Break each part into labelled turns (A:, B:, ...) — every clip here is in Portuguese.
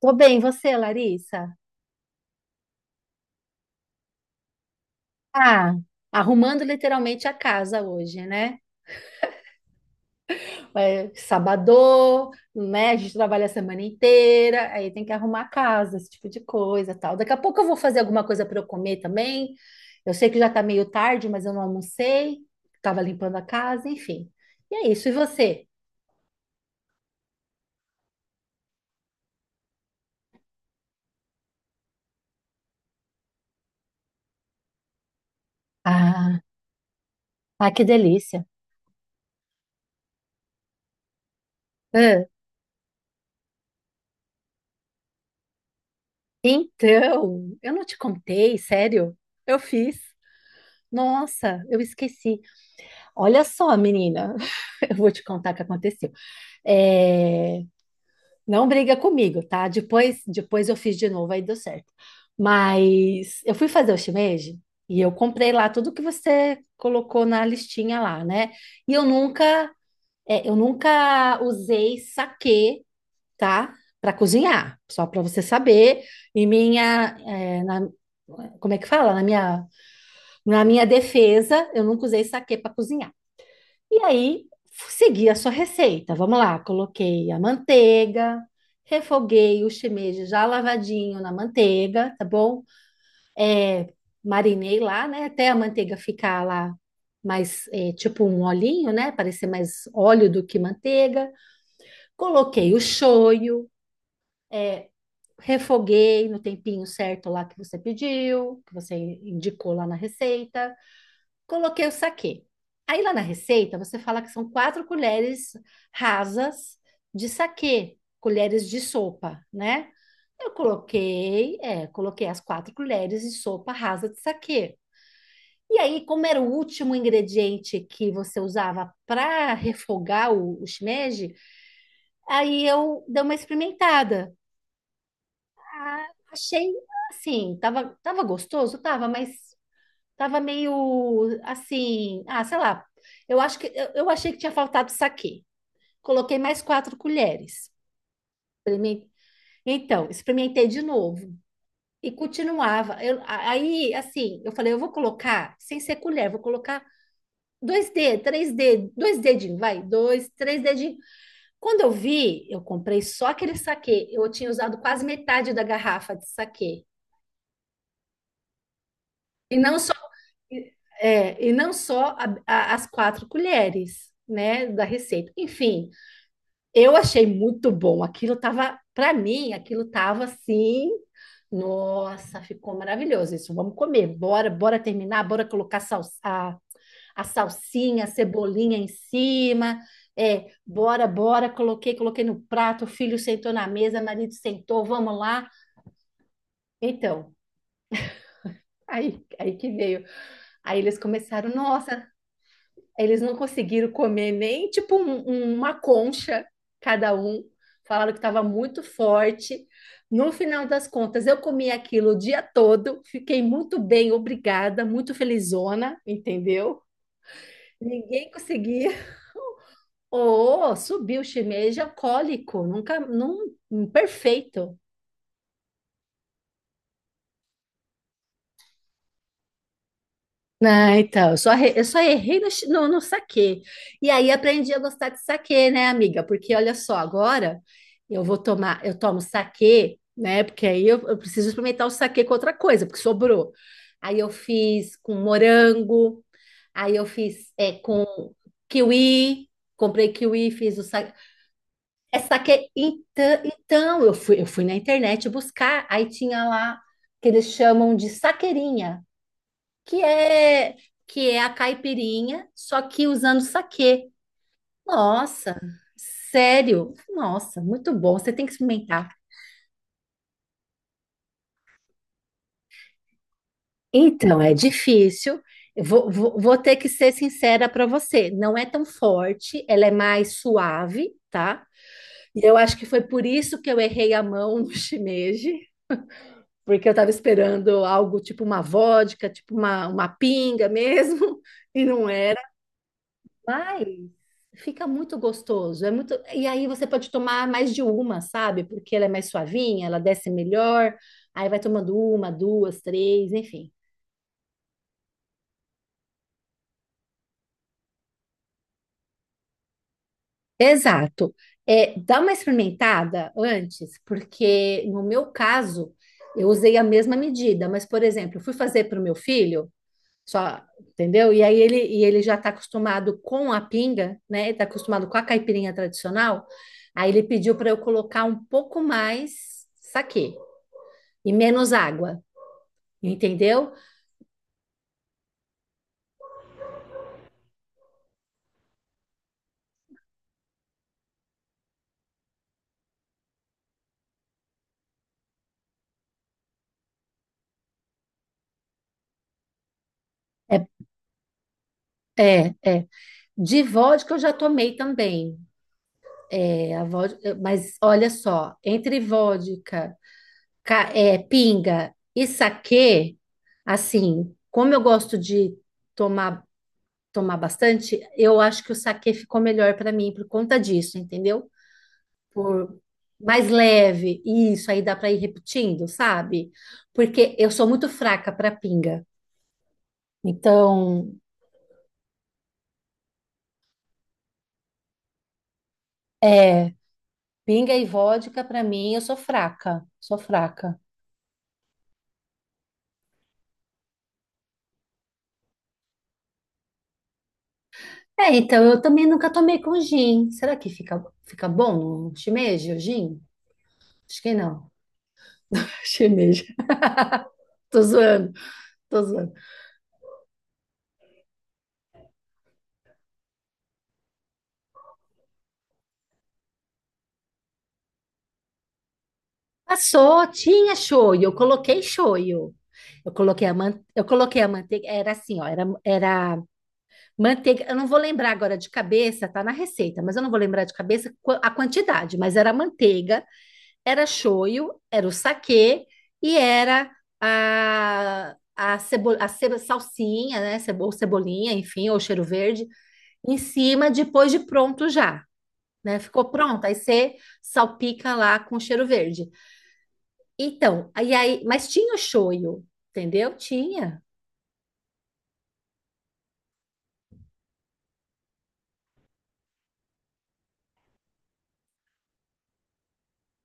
A: Tô bem, você, Larissa? Ah, arrumando literalmente a casa hoje, né? É, sabadô, né? A gente trabalha a semana inteira, aí tem que arrumar a casa, esse tipo de coisa, tal. Daqui a pouco eu vou fazer alguma coisa para eu comer também. Eu sei que já tá meio tarde, mas eu não almocei, tava limpando a casa, enfim. E é isso, e você? Ah, ah, que delícia. Ah, então, eu não te contei, sério? Eu fiz. Nossa, eu esqueci. Olha só, menina, eu vou te contar o que aconteceu. É, Não briga comigo, tá? Depois eu fiz de novo, aí deu certo. Mas eu fui fazer o shimeji e eu comprei lá tudo que você colocou na listinha lá, né? E eu nunca, eu nunca usei saquê, tá? Para cozinhar, só para você saber. E minha, como é que fala? Na minha defesa, eu nunca usei saquê para cozinhar. E aí, segui a sua receita. Vamos lá, coloquei a manteiga, refoguei o shimeji já lavadinho na manteiga, tá bom? É, Marinei lá, né? Até a manteiga ficar lá mais, tipo um olhinho, né? Parecer mais óleo do que manteiga. Coloquei o shoyu, é, refoguei no tempinho certo lá que você pediu, que você indicou lá na receita. Coloquei o saquê. Aí lá na receita você fala que são quatro colheres rasas de saquê, colheres de sopa, né? Eu coloquei, coloquei as quatro colheres de sopa rasa de saquê. E aí, como era o último ingrediente que você usava para refogar o shimeji, aí eu dei uma experimentada. Ah, achei assim, tava gostoso, tava, mas tava meio assim, ah, sei lá. Eu acho que eu achei que tinha faltado saquê. Coloquei mais quatro colheres. Então, experimentei de novo e continuava. Assim, eu falei, eu vou colocar sem ser colher, vou colocar dois dedos, três dedos, dois dedinhos, vai, dois, três dedinhos. Quando eu vi, eu comprei só aquele saquê. Eu tinha usado quase metade da garrafa de saquê. E não só, e não só as quatro colheres, né, da receita. Enfim, eu achei muito bom. Aquilo tava, para mim, aquilo tava assim. Nossa, ficou maravilhoso isso. Vamos comer. Bora, bora terminar, bora colocar sal, a salsinha, a cebolinha em cima. É, bora, bora, coloquei, coloquei no prato, o filho sentou na mesa, o marido sentou, vamos lá. Então, aí, aí que veio. Aí eles começaram, nossa, eles não conseguiram comer nem tipo uma concha cada um. Falaram que estava muito forte. No final das contas, eu comi aquilo o dia todo, fiquei muito bem, obrigada, muito felizona, entendeu? Ninguém conseguia. Oh, subiu shimeja cólico, nunca, num, perfeito. Ah, então, eu só errei no saquê. E aí aprendi a gostar de saquê, né, amiga? Porque olha só, agora eu vou tomar, eu tomo saquê, né? Porque aí eu preciso experimentar o saquê com outra coisa, porque sobrou. Aí eu fiz com morango, aí eu fiz com kiwi, comprei kiwi, fiz o saquê. É saquê, então, então eu fui na internet buscar, aí tinha lá que eles chamam de saqueirinha que é que é a caipirinha, só que usando saquê. Nossa, sério? Nossa, muito bom. Você tem que experimentar. Então, é difícil. Eu vou, vou, vou ter que ser sincera para você. Não é tão forte, ela é mais suave, tá? E eu acho que foi por isso que eu errei a mão no shimeji, porque eu estava esperando algo tipo uma vodka, tipo uma pinga mesmo, e não era. Mas fica muito gostoso. É muito... E aí você pode tomar mais de uma, sabe? Porque ela é mais suavinha, ela desce melhor. Aí vai tomando uma, duas, três, enfim. Exato. É, dá uma experimentada antes, porque no meu caso, eu usei a mesma medida, mas, por exemplo, eu fui fazer para o meu filho. Só, entendeu? E aí ele, e ele já está acostumado com a pinga, né? Ele está acostumado com a caipirinha tradicional. Aí ele pediu para eu colocar um pouco mais saquê e menos água, entendeu? É, É. De vodka eu já tomei também. É, a vodka, mas olha só, entre vodka, pinga e saquê, assim, como eu gosto de tomar tomar bastante, eu acho que o saquê ficou melhor para mim por conta disso, entendeu? Por mais leve, isso aí dá para ir repetindo, sabe? Porque eu sou muito fraca para pinga. Então, é, pinga e vodka para mim, eu sou fraca, sou fraca. É, então eu também nunca tomei com gin. Será que fica, fica bom no shimeji, o gin? Acho que não. Shimeji. Tô zoando, tô zoando. Passou, tinha shoyu. Eu coloquei a man... eu coloquei a manteiga, era assim, ó, era manteiga, eu não vou lembrar agora de cabeça, tá na receita, mas eu não vou lembrar de cabeça a quantidade, mas era manteiga, era shoyu, era o saquê e era a salsinha, né, cebo... ou cebolinha, enfim, ou cheiro verde, em cima depois de pronto já, né? Ficou pronto, aí você salpica lá com cheiro verde. Então, mas tinha o shoyu, entendeu? Tinha.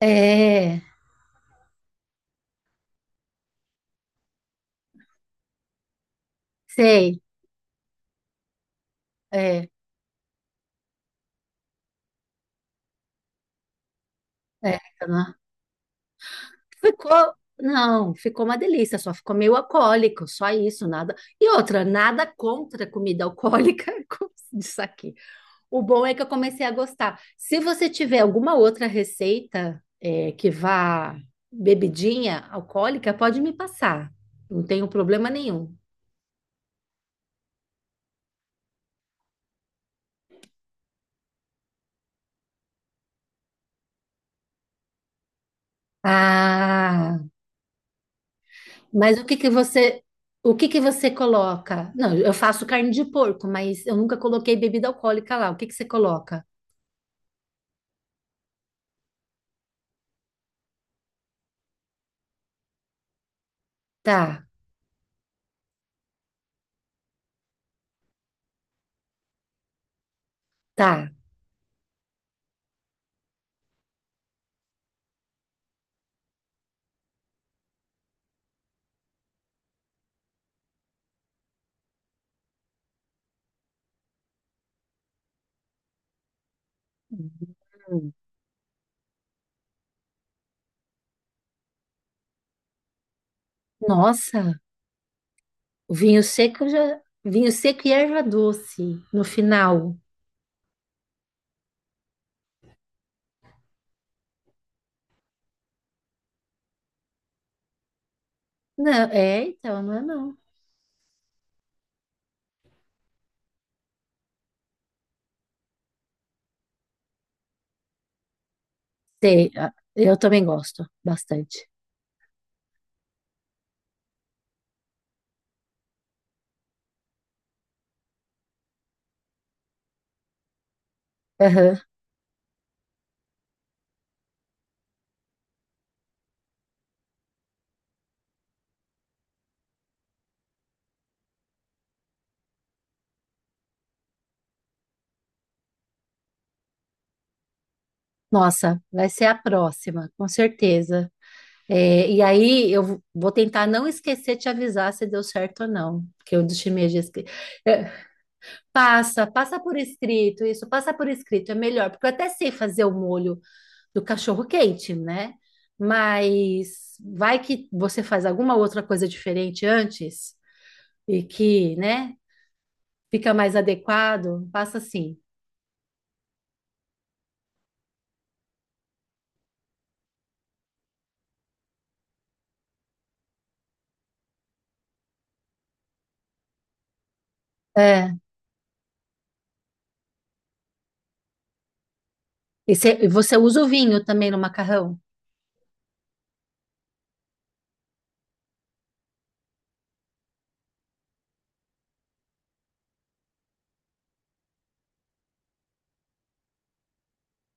A: É, sei. É, é, né? Ficou, não, ficou uma delícia, só ficou meio alcoólico, só isso, nada. E outra, nada contra comida alcoólica, como se aqui. O bom é que eu comecei a gostar. Se você tiver alguma outra receita, que vá bebidinha alcoólica, pode me passar. Não tenho problema nenhum. Ah, mas o que que você coloca? Não, eu faço carne de porco, mas eu nunca coloquei bebida alcoólica lá. O que que você coloca? Tá, tá. Hum. Nossa, o vinho seco já, vinho seco e erva doce no final. Não, é, então, não é não. Sei, ah, eu também gosto bastante. Aham. Nossa, vai ser a próxima, com certeza. É, e aí eu vou tentar não esquecer de te avisar se deu certo ou não, porque eu deixei meio de esquecer. Passa, passa por escrito, isso, passa por escrito, é melhor, porque eu até sei fazer o molho do cachorro-quente, né? Mas vai que você faz alguma outra coisa diferente antes e que, né, fica mais adequado, passa assim. É. E você usa o vinho também no macarrão,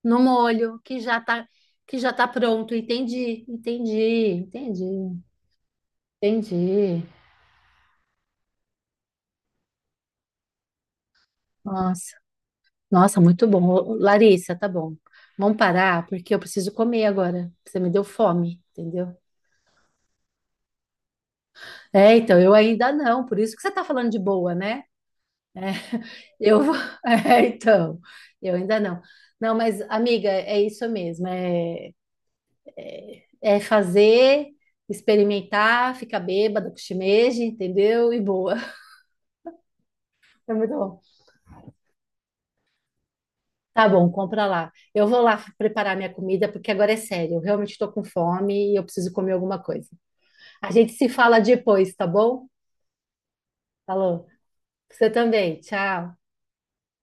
A: no molho, que já tá pronto, entendi. Nossa. Nossa, muito bom. Ô, Larissa, tá bom. Vamos parar, porque eu preciso comer agora. Você me deu fome, entendeu? É, então, eu ainda não, por isso que você tá falando de boa, né? Eu vou. É, então, eu ainda não. Não, mas, amiga, é isso mesmo. É fazer, experimentar, ficar bêbada com shimeji, entendeu? E boa. É muito bom. Tá bom, compra lá. Eu vou lá preparar minha comida, porque agora é sério. Eu realmente estou com fome e eu preciso comer alguma coisa. A gente se fala depois, tá bom? Falou. Você também. Tchau.